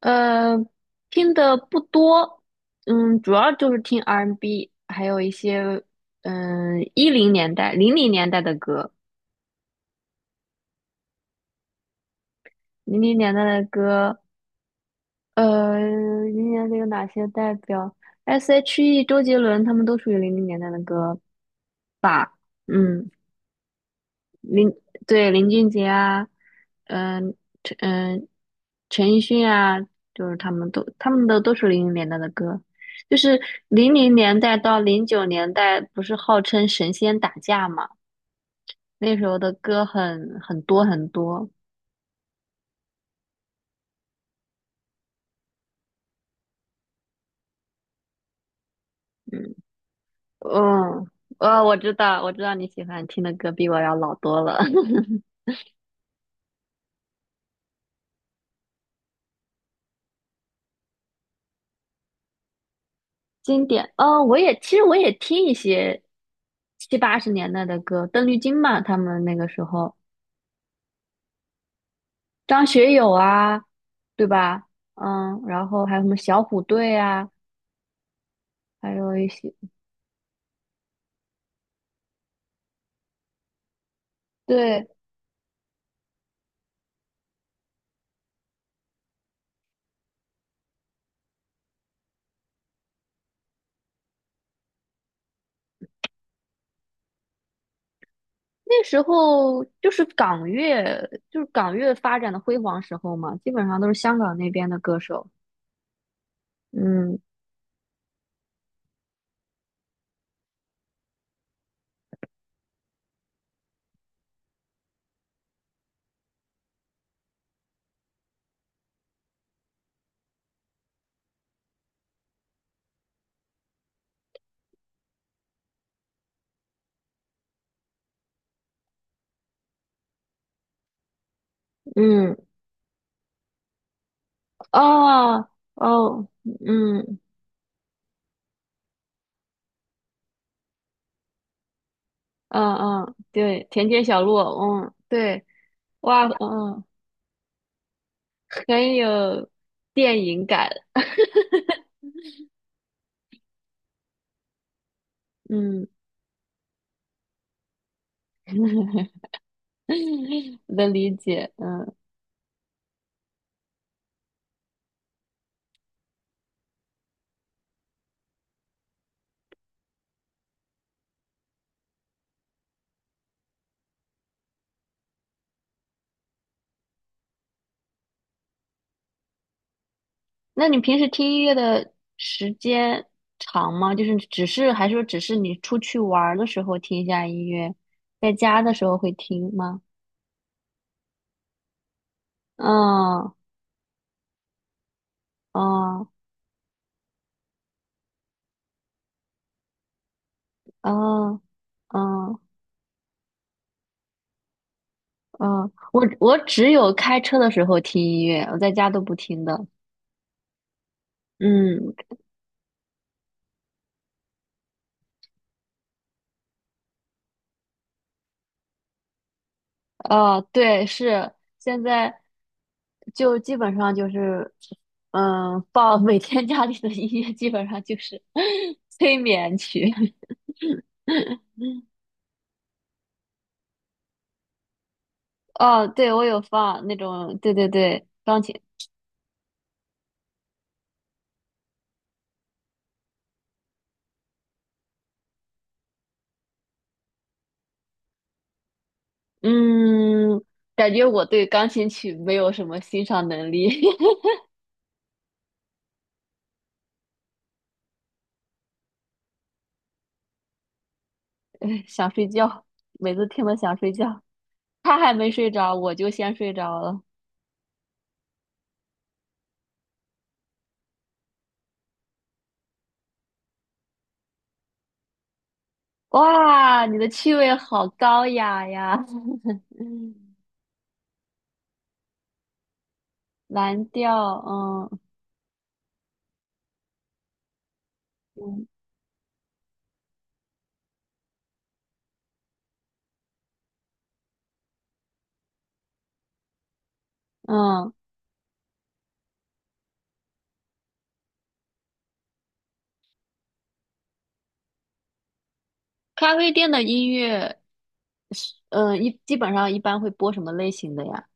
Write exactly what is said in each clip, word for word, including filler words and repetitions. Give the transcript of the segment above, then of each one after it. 呃，听的不多，嗯，主要就是听 R and B，还有一些嗯一零年代、零零年代的歌，零零年代的歌，呃，零零年代有哪些代表？S H E、周杰伦他们都属于零零年代的歌吧？嗯。林对林俊杰啊，嗯、陈嗯、陈奕迅啊，就是他们都他们的都是零零年代的歌，就是零零年代到零九年代不是号称神仙打架嘛，那时候的歌很很多很多，嗯嗯，哦，我知道我知道你喜欢听的歌比我要老多了，经典哦，我也其实我也听一些七八十年代的歌，邓丽君嘛，他们那个时候。张学友啊，对吧？嗯，然后还有什么小虎队啊，还有一些，对，那时候就是港乐，就是港乐发展的辉煌时候嘛，基本上都是香港那边的歌手。嗯嗯，哦哦，嗯嗯嗯，对，田间小路，嗯，对，哇，嗯，很有电影感，嗯，的理解，嗯。那你平时听音乐的时间长吗？就是只是还是说只是你出去玩儿的时候听一下音乐，在家的时候会听吗？嗯嗯嗯嗯嗯，我我只有开车的时候听音乐，我在家都不听的。嗯，哦，对，是现在就基本上就是，嗯，放 每天家里的音乐基本上就是 催眠曲。哦，对，我有放那种，对对对，钢琴，嗯，感觉我对钢琴曲没有什么欣赏能力，哎想睡觉，每次听了想睡觉，他还没睡着，我就先睡着了。哇，你的趣味好高雅呀！嗯蓝调，嗯嗯嗯，咖啡店的音乐是，嗯，一基本上一般会播什么类型的呀？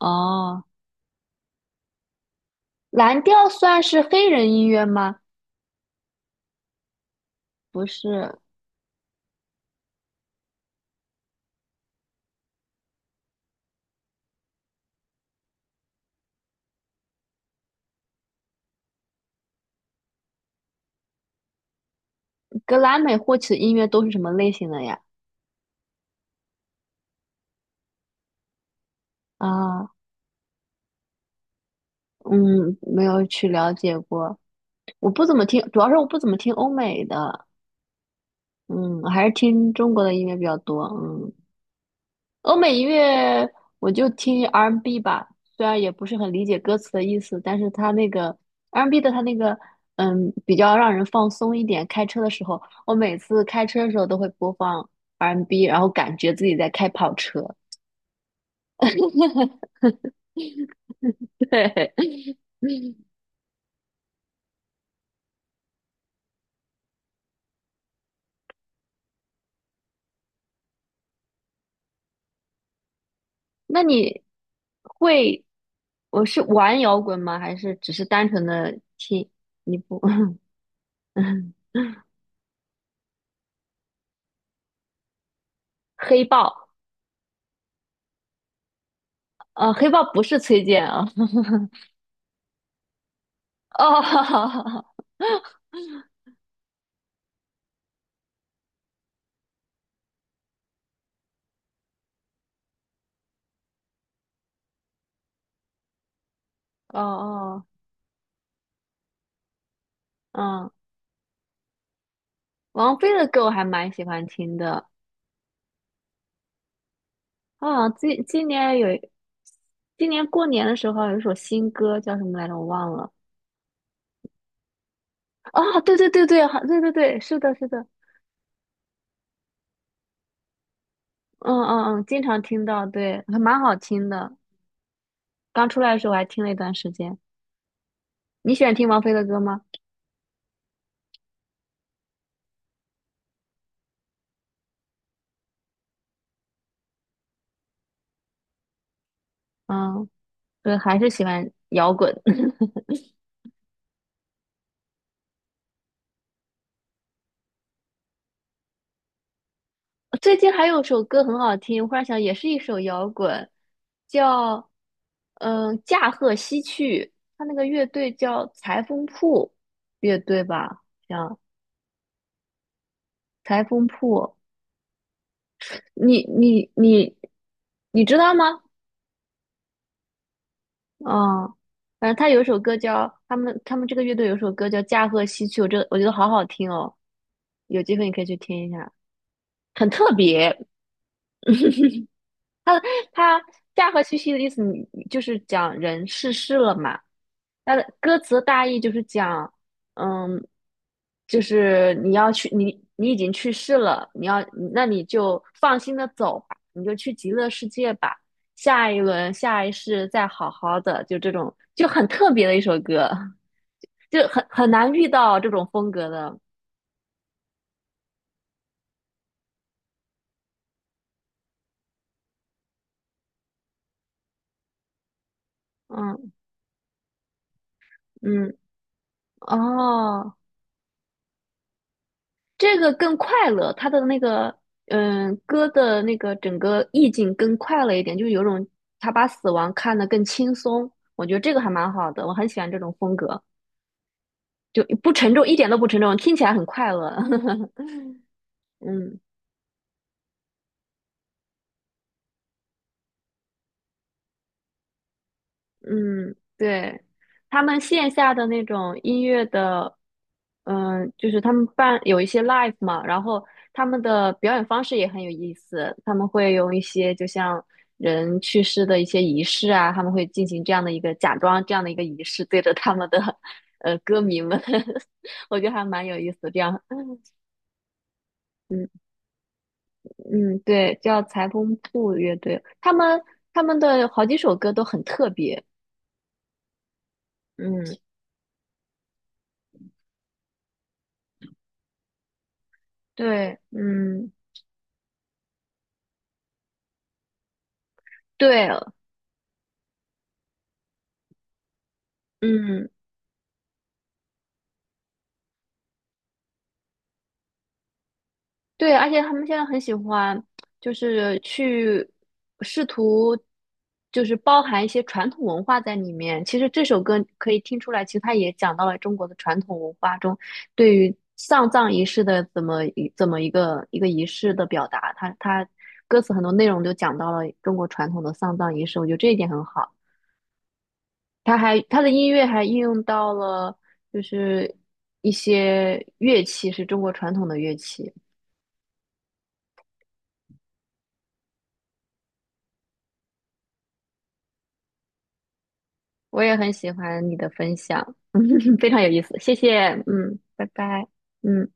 哦，蓝调算是黑人音乐吗？不是，格莱美获取的音乐都是什么类型的呀？啊，嗯，没有去了解过，我不怎么听，主要是我不怎么听欧美的，嗯，还是听中国的音乐比较多，嗯，欧美音乐我就听 R and B 吧，虽然也不是很理解歌词的意思，但是它那个 R and B 的它那个，嗯，比较让人放松一点。开车的时候，我每次开车的时候都会播放 R and B，然后感觉自己在开跑车，对。那你会，我是玩摇滚吗？还是只是单纯的听？你不，黑豹，呃，黑豹不是崔健啊。哦，哦哦，嗯，王菲的歌我还蛮喜欢听的。啊，今今年有，今年过年的时候有一首新歌叫什么来着？我忘了。啊，对对对对，好对对对，是的，是的，嗯嗯嗯，经常听到，对，还蛮好听的。刚出来的时候我还听了一段时间。你喜欢听王菲的歌吗？嗯，对，还是喜欢摇滚。最近还有首歌很好听，我忽然想，也是一首摇滚，叫嗯《驾鹤西去》，他那个乐队叫裁缝铺乐队吧，像裁缝铺。你你你你知道吗？嗯，反正他有一首歌叫他们他们这个乐队有一首歌叫《驾鹤西去》，我这我觉得好好听哦，有机会你可以去听一下，很特别。它“驾鹤西去”的意思你就是讲人逝世了嘛。它的歌词的大意就是讲，嗯，就是你要去，你你已经去世了，你要，那你就放心的走吧，你就去极乐世界吧，下一轮下一世再好好的，就这种就很特别的一首歌，就很很难遇到这种风格的，嗯嗯，哦。这个更快乐，他的那个嗯歌的那个整个意境更快乐一点，就是有种他把死亡看得更轻松，我觉得这个还蛮好的，我很喜欢这种风格，就不沉重，一点都不沉重，听起来很快乐。嗯。嗯，对，他们线下的那种音乐的，嗯、就是他们办有一些 live 嘛，然后他们的表演方式也很有意思，他们会用一些就像人去世的一些仪式啊，他们会进行这样的一个假装这样的一个仪式，对着他们的呃歌迷们，我觉得还蛮有意思，这样。嗯嗯，对，叫裁缝铺乐队，他们他们的好几首歌都很特别，嗯，对，嗯，对，嗯，对，而且他们现在很喜欢，就是去试图，就是包含一些传统文化在里面。其实这首歌可以听出来，其实它也讲到了中国的传统文化中对于丧葬仪式的怎么一怎么一个一个仪式的表达。它它歌词很多内容都讲到了中国传统的丧葬仪式，我觉得这一点很好。它还它的音乐还应用到了就是一些乐器，是中国传统的乐器。我也很喜欢你的分享，非常有意思，谢谢，嗯，拜拜，嗯。